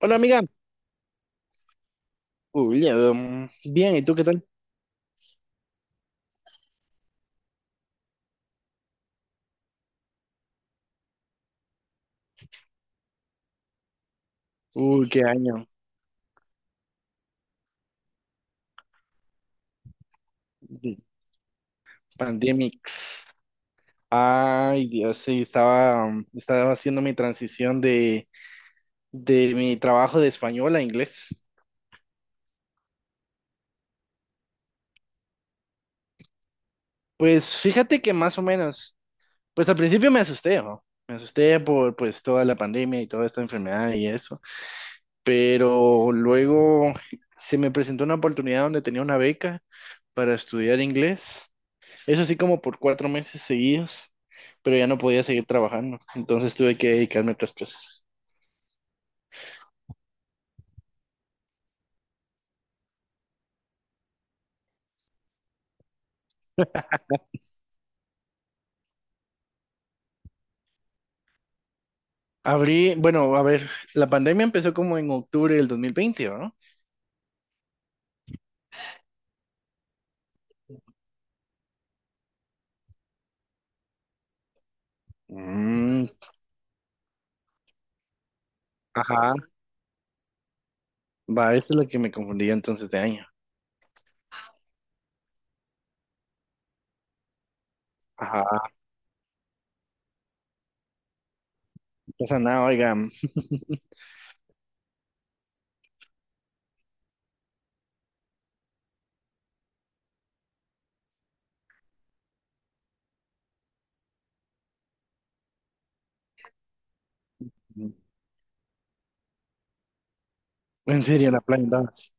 Hola amiga. Bien, ¿y tú qué tal? Uy, qué año, de pandemics. Ay, Dios, sí, estaba, estaba haciendo mi transición de mi trabajo de español a inglés. Pues fíjate que más o menos, pues al principio me asusté, ¿no? Me asusté por pues toda la pandemia y toda esta enfermedad y eso, pero luego se me presentó una oportunidad donde tenía una beca para estudiar inglés. Eso sí como por 4 meses seguidos, pero ya no podía seguir trabajando, entonces tuve que dedicarme a otras cosas. Abrí, bueno, a ver, la pandemia empezó como en octubre del 2020, ¿no? Mm, ajá, va, eso es lo que me confundía entonces de año. Ajá, no pasa nada, oiga, mm, en serio, la plan dos.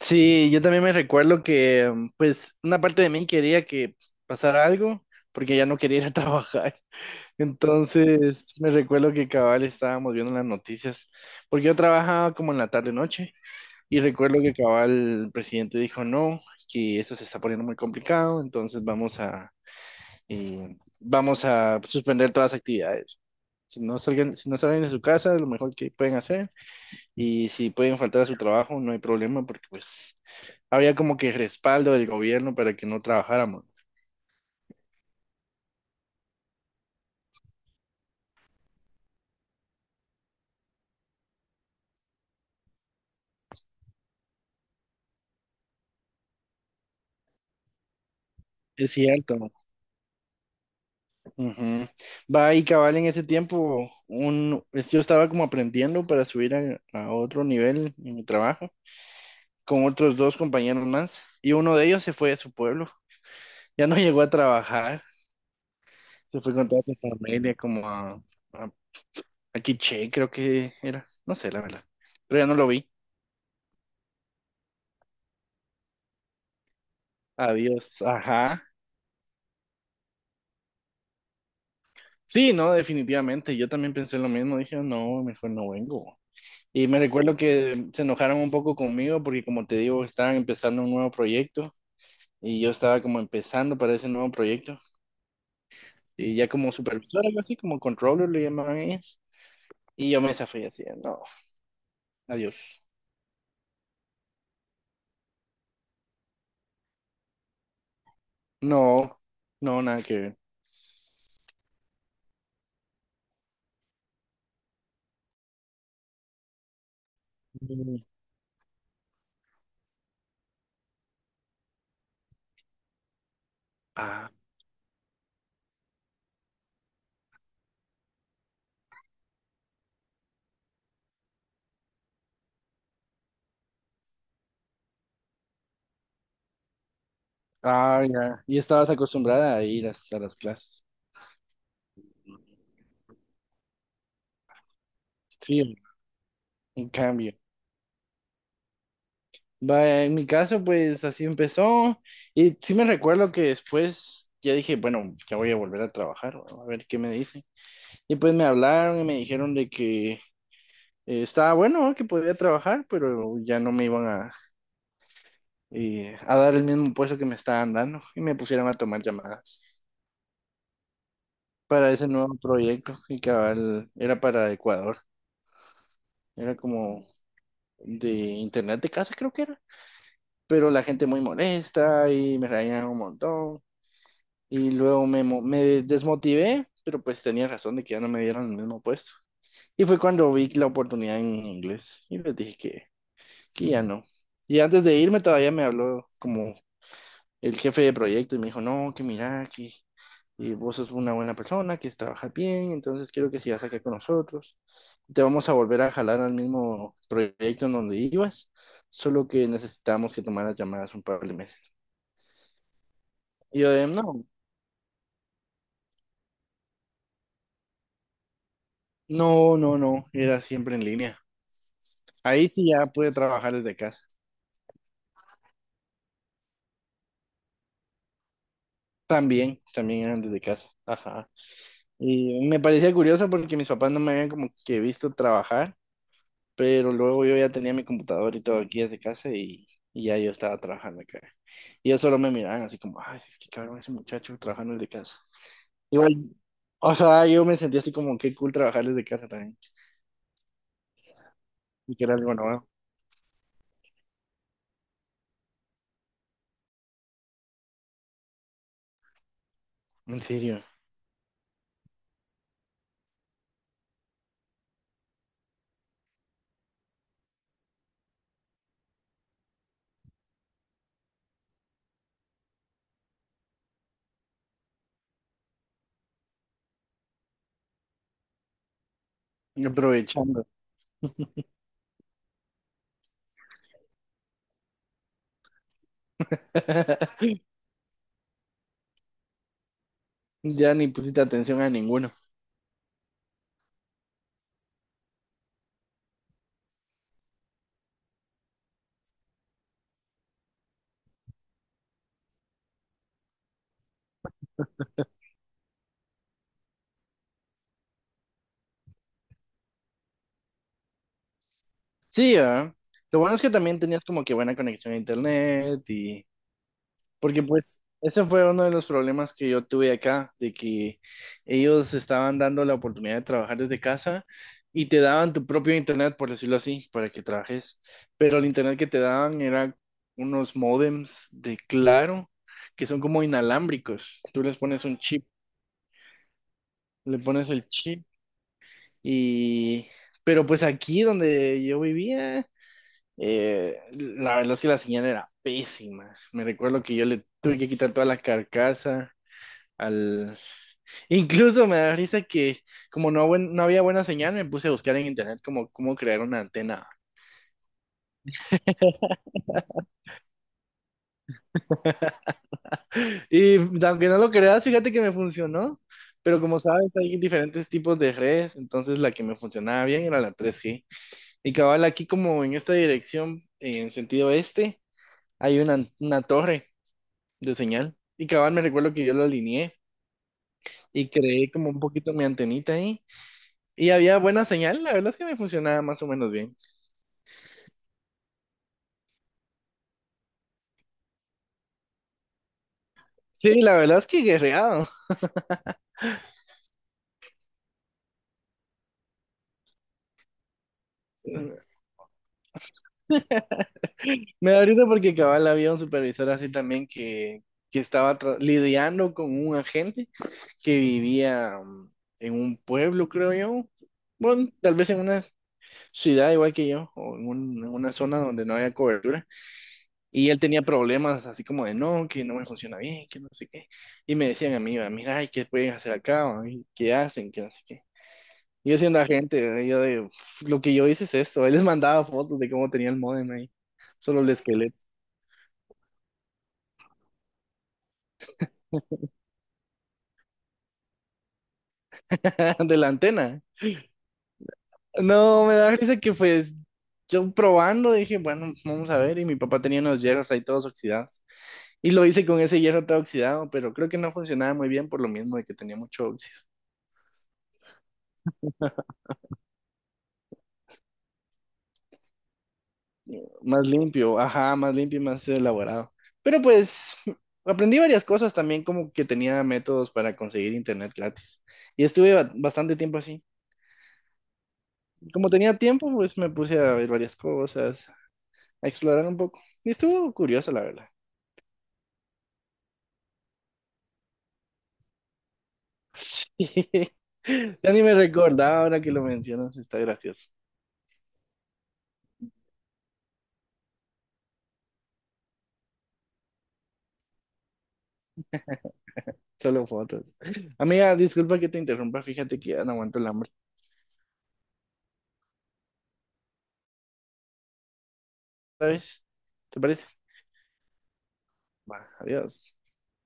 Sí, yo también me recuerdo que, pues, una parte de mí quería que pasara algo, porque ya no quería ir a trabajar. Entonces, me recuerdo que cabal estábamos viendo las noticias, porque yo trabajaba como en la tarde-noche, y recuerdo que cabal el presidente dijo no, que esto se está poniendo muy complicado, entonces vamos a suspender todas las actividades. Si no salgan, si no salen de su casa, lo mejor que pueden hacer, y si pueden faltar a su trabajo, no hay problema, porque pues había como que respaldo del gobierno para que no trabajáramos. Es cierto. Ujú. Va y cabal en ese tiempo, yo estaba como aprendiendo para subir a otro nivel en mi trabajo con otros 2 compañeros más y uno de ellos se fue a su pueblo, ya no llegó a trabajar, se fue con toda su familia como a, a Quiché creo que era, no sé la verdad, pero ya no lo vi. Adiós, ajá. Sí, no, definitivamente, yo también pensé lo mismo, dije, no, mejor no vengo. Y me recuerdo que se enojaron un poco conmigo porque como te digo, estaban empezando un nuevo proyecto y yo estaba como empezando para ese nuevo proyecto y ya como supervisor, algo así, como controller le llamaban ellas. Y yo me zafé así, de, no, adiós. No, no, nada que ver. Mm, Ah, ya. Y estabas acostumbrada a ir hasta las clases. Sí, en cambio. Va, en mi caso, pues así empezó. Y sí me recuerdo que después ya dije, bueno, ya voy a volver a trabajar, a ver qué me dicen. Y pues me hablaron y me dijeron de que eh, estaba bueno ¿no? que podía trabajar, pero ya no me iban a dar el mismo puesto que me estaban dando y me pusieron a tomar llamadas para ese nuevo proyecto y cabal era para Ecuador, era como de internet de casa creo que era, pero la gente muy molesta y me reían un montón y luego me desmotivé, pero pues tenía razón de que ya no me dieron el mismo puesto. Y fue cuando vi la oportunidad en inglés y les dije que ya no. Y antes de irme todavía me habló como el jefe de proyecto y me dijo, no, que mira, que vos sos una buena persona, que trabajas bien, entonces quiero que sigas acá con nosotros. Te vamos a volver a jalar al mismo proyecto en donde ibas, solo que necesitamos que tomaras llamadas un par de 2 meses. Y yo de, no, no, no, no, era siempre en línea. Ahí sí ya pude trabajar desde casa. También, también eran desde casa. Ajá. Y me parecía curioso porque mis papás no me habían como que visto trabajar. Pero luego yo ya tenía mi computador y todo aquí desde casa y ya yo estaba trabajando acá. Y ellos solo me miraban así como, ay, qué cabrón ese muchacho trabajando desde casa. Igual, o sea, yo me sentía así como, qué cool trabajar desde casa también. Y que era algo nuevo, en serio, aprovechando. Ya ni pusiste atención a ninguno. Sí, ¿verdad? Lo bueno es que también tenías como que buena conexión a internet y, porque pues ese fue uno de los problemas que yo tuve acá, de que ellos estaban dando la oportunidad de trabajar desde casa y te daban tu propio internet, por decirlo así, para que trabajes. Pero el internet que te daban era unos módems de Claro, que son como inalámbricos. Tú les pones un chip, le pones el chip y... Pero pues aquí donde yo vivía... la verdad es que la señal era pésima. Me recuerdo que yo le tuve que quitar toda la carcasa al... Incluso me da risa que como no, buen- no había buena señal, me puse a buscar en internet cómo crear una antena. Y aunque no lo creas, fíjate que me funcionó. Pero como sabes, hay diferentes tipos de redes, entonces la que me funcionaba bien era la 3G. Y cabal, aquí como en esta dirección, en sentido este, hay una torre de señal. Y cabal, me recuerdo que yo lo alineé y creé como un poquito mi antenita ahí. Y había buena señal, la verdad es que me funcionaba más o menos bien. Sí, la verdad es que guerreado. Me da risa porque cabal había un supervisor así también que estaba lidiando con un agente que vivía en un pueblo, creo yo. Bueno, tal vez en una ciudad igual que yo, en una zona donde no había cobertura. Y él tenía problemas así como de no, que no me funciona bien, que no sé qué. Y me decían a mí, va, mira, ay, ¿qué pueden hacer acá? ¿va? ¿Y ¿Qué hacen? Que no sé qué. Yo siendo agente, yo de, "Uf, lo que yo hice es esto." Él les mandaba fotos de cómo tenía el módem ahí. Solo el esqueleto de la antena. No, me da risa que pues yo probando dije, bueno, vamos a ver. Y mi papá tenía unos hierros ahí todos oxidados. Y lo hice con ese hierro todo oxidado, pero creo que no funcionaba muy bien por lo mismo de que tenía mucho óxido. Más limpio, ajá, más limpio y más elaborado. Pero pues aprendí varias cosas también, como que tenía métodos para conseguir internet gratis. Y estuve bastante tiempo así. Como tenía tiempo, pues me puse a ver varias cosas, a explorar un poco. Y estuvo curioso, la verdad. Sí. Ya ni me recordaba ahora que lo mencionas, está gracioso. Solo fotos. Amiga, disculpa que te interrumpa, fíjate que ya no aguanto el hambre. ¿Sabes? ¿Te parece? Va, adiós.